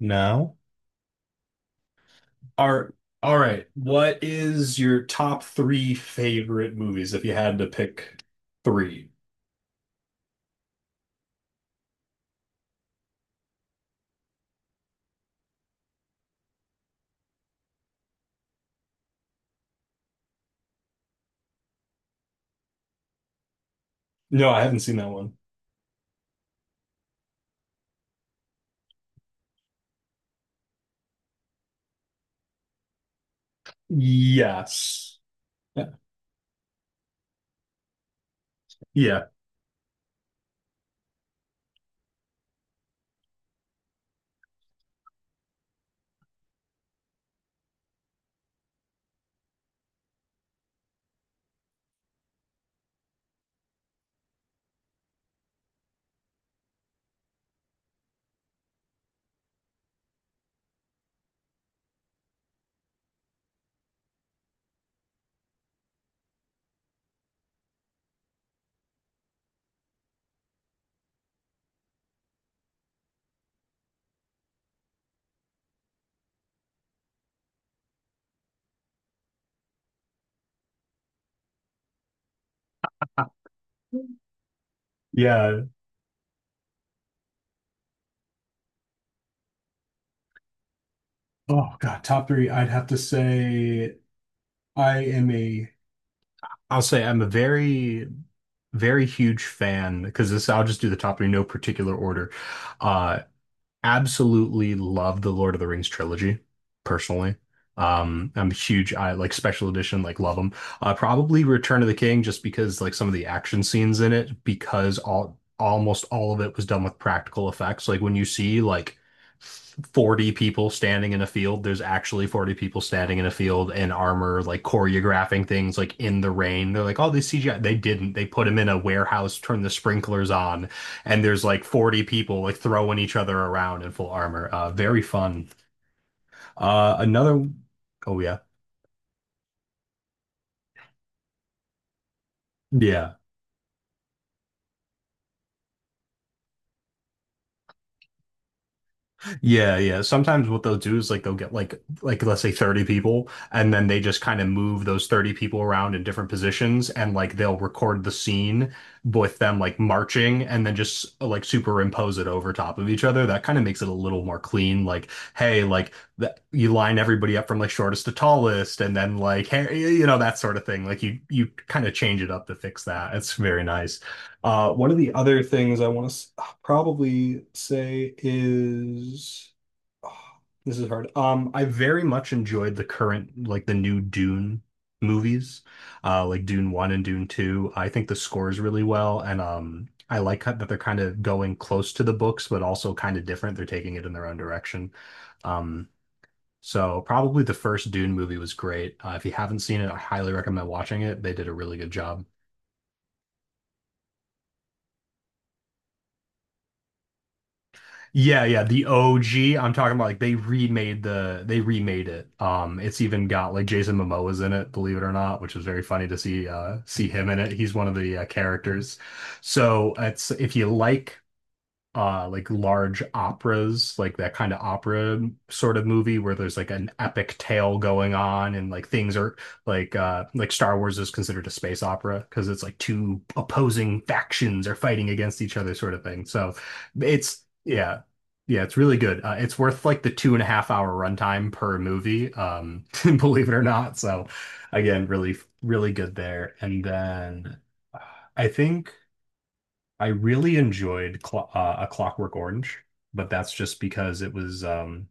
No. Are all right. What is your top three favorite movies if you had to pick three? No, I haven't seen that one. Yes. Yeah. Yeah. Oh God, top three. I'd have to say I am a I'll say I'm a very, very huge fan because this, I'll just do the top three, no particular order. Uh, Absolutely love the Lord of the Rings trilogy, personally. I'm a huge, I like special edition, like love them. Probably Return of the King, just because like some of the action scenes in it, because all almost all of it was done with practical effects. Like when you see like 40 people standing in a field, there's actually 40 people standing in a field in armor, like choreographing things like in the rain. They're like, oh, they CGI. They didn't. They put them in a warehouse, turned the sprinklers on, and there's like 40 people like throwing each other around in full armor. Very fun. Another. Oh yeah, yeah. Yeah, yeah. Sometimes what they'll do is like they'll get like let's say 30 people, and then they just kind of move those 30 people around in different positions, and like they'll record the scene with them like marching, and then just like superimpose it over top of each other. That kind of makes it a little more clean. Like, hey, like that you line everybody up from like shortest to tallest, and then like hey, you know, that sort of thing. Like you kind of change it up to fix that. It's very nice. One of the other things I want to probably say is oh, this is hard. I very much enjoyed the current, like the new Dune movies, like Dune 1 and Dune 2. I think the score is really well, and I like how- that they're kind of going close to the books, but also kind of different. They're taking it in their own direction. Um, so probably the first Dune movie was great. If you haven't seen it, I highly recommend watching it. They did a really good job. Yeah, yeah, the OG. I'm talking about like they remade it. It's even got like Jason Momoa's in it, believe it or not, which was very funny to see him in it. He's one of the characters. So it's if you like large operas, like that kind of opera sort of movie where there's like an epic tale going on, and like things are like Star Wars is considered a space opera because it's like two opposing factions are fighting against each other, sort of thing. So it's yeah, yeah, it's really good. It's worth like the 2.5 hour runtime per movie, um, believe it or not. So again, really really good there. And then I think I really enjoyed Clo A Clockwork Orange, but that's just because it was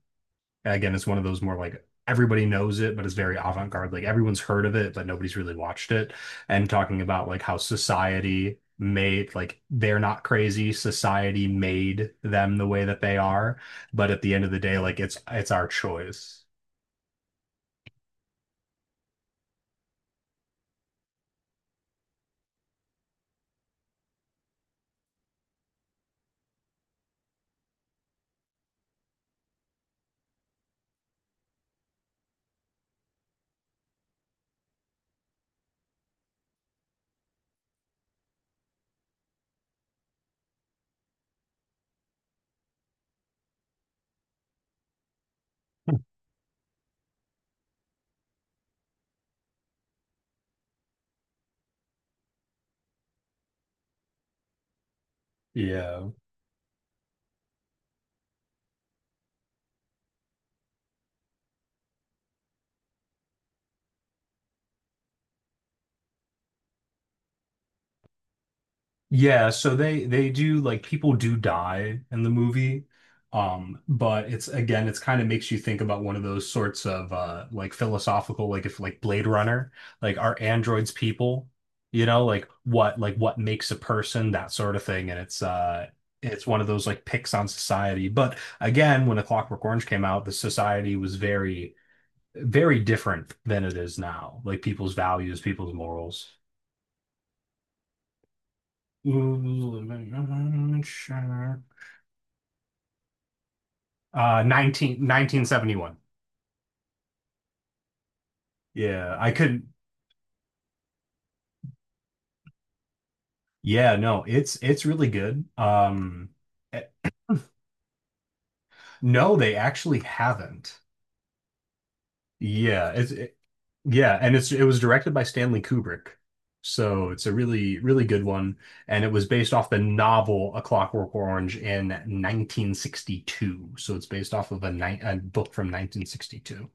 again, it's one of those more like everybody knows it, but it's very avant-garde. Like everyone's heard of it, but nobody's really watched it. And talking about like how society made like they're not crazy, society made them the way that they are, but at the end of the day, like it's our choice. Yeah. Yeah, so they do like people do die in the movie. But it's again, it's kind of makes you think about one of those sorts of like philosophical, like if like Blade Runner, like are androids people? You know, like what makes a person, that sort of thing. And it's it's one of those like picks on society. But again, when A Clockwork Orange came out, the society was very, very different than it is now. Like people's values, people's morals. Nineteen seventy one. Yeah, I could. Yeah, no, it's really good. Eh, no, they actually haven't. Yeah, it's it, yeah, and it was directed by Stanley Kubrick, so it's a really really good one, and it was based off the novel A Clockwork Orange in 1962. So it's based off of a book from 1962.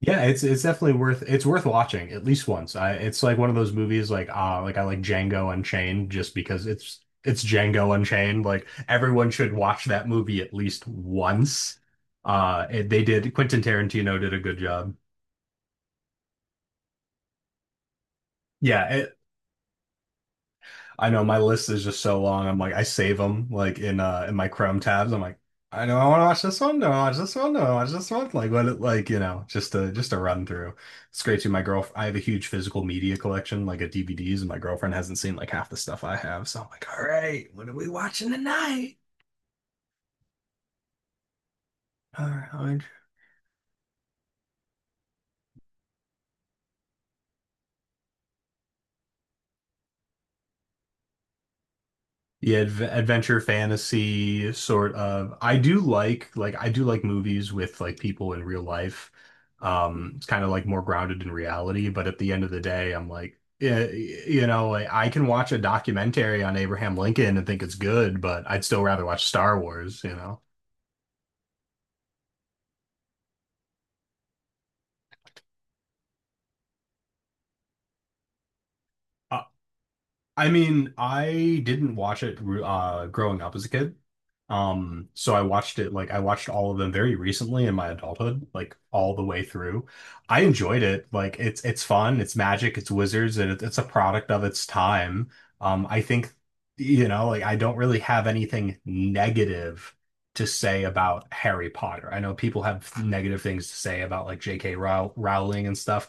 Yeah, it's definitely worth it's worth watching at least once. I It's like one of those movies like ah like I like Django Unchained just because it's Django Unchained. Like everyone should watch that movie at least once. It, they did Quentin Tarantino did a good job. Yeah, I know my list is just so long. I'm like, I save them like in my Chrome tabs. I'm like, I know I want to watch this one. No, I watch this one. No, I watch this one. Like what? It, like you know, just to run through. It's great too. My girl, I have a huge physical media collection, like a DVDs, and my girlfriend hasn't seen like half the stuff I have. So I'm like, all right, what are we watching tonight? All right. Yeah, adventure fantasy sort of. I do like I do like movies with like people in real life. It's kind of like more grounded in reality, but at the end of the day, I'm like, yeah, you know, like I can watch a documentary on Abraham Lincoln and think it's good, but I'd still rather watch Star Wars, you know. I mean, I didn't watch it growing up as a kid. So I watched it like I watched all of them very recently in my adulthood, like all the way through. I enjoyed it. Like it's fun, it's magic, it's wizards, and it's a product of its time. I think, you know, like I don't really have anything negative to say about Harry Potter. I know people have negative things to say about like J.K. Rowling and stuff.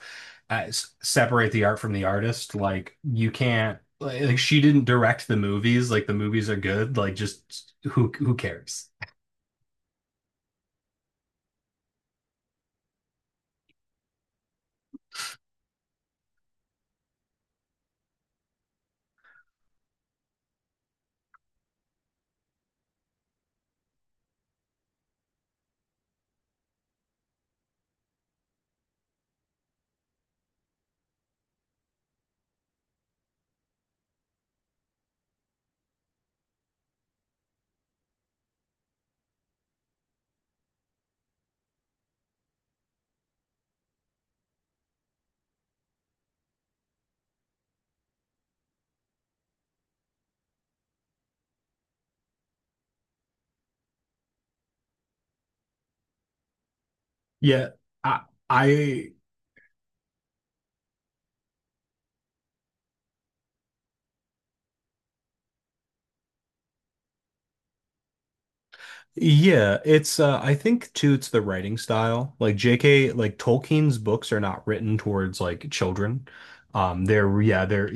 Separate the art from the artist. Like you can't like, she didn't direct the movies. Like the movies are good. Like just who cares? Yeah, I, I yeah, it's I think too it's the writing style. Like JK, like Tolkien's books are not written towards like children. They're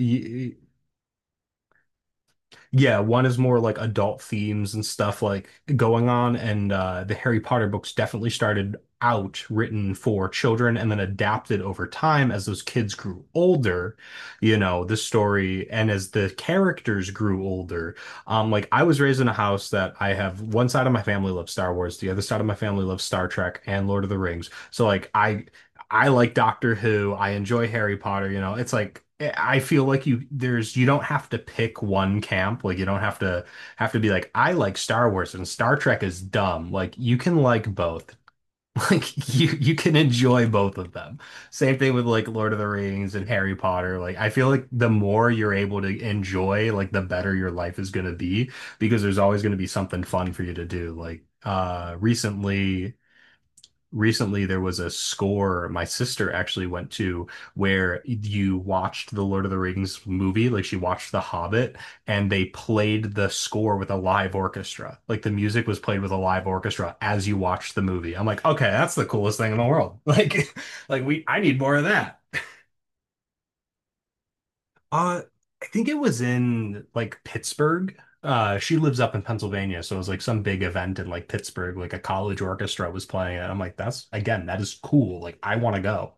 Yeah, one is more like adult themes and stuff like going on, and the Harry Potter books definitely started out written for children and then adapted over time as those kids grew older, you know, the story and as the characters grew older. Like I was raised in a house that I have one side of my family loves Star Wars, the other side of my family loves Star Trek and Lord of the Rings. So like I like Doctor Who. I enjoy Harry Potter. You know, it's like eh, I feel like you don't have to pick one camp. Like you don't have to be like I like Star Wars and Star Trek is dumb. Like you can like both. Like you can enjoy both of them. Same thing with like Lord of the Rings and Harry Potter. Like I feel like the more you're able to enjoy, like the better your life is going to be because there's always going to be something fun for you to do. Like recently there was a score my sister actually went to where you watched the Lord of the Rings movie, like she watched The Hobbit, and they played the score with a live orchestra. Like the music was played with a live orchestra as you watched the movie. I'm like, okay, that's the coolest thing in the world. Like, I need more of that. Uh, I think it was in like Pittsburgh. She lives up in Pennsylvania, so it was like some big event in like Pittsburgh, like a college orchestra was playing it. I'm like, that's again, that is cool. Like, I want to go.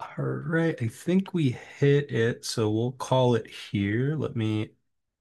All right, I think we hit it, so we'll call it here. Let me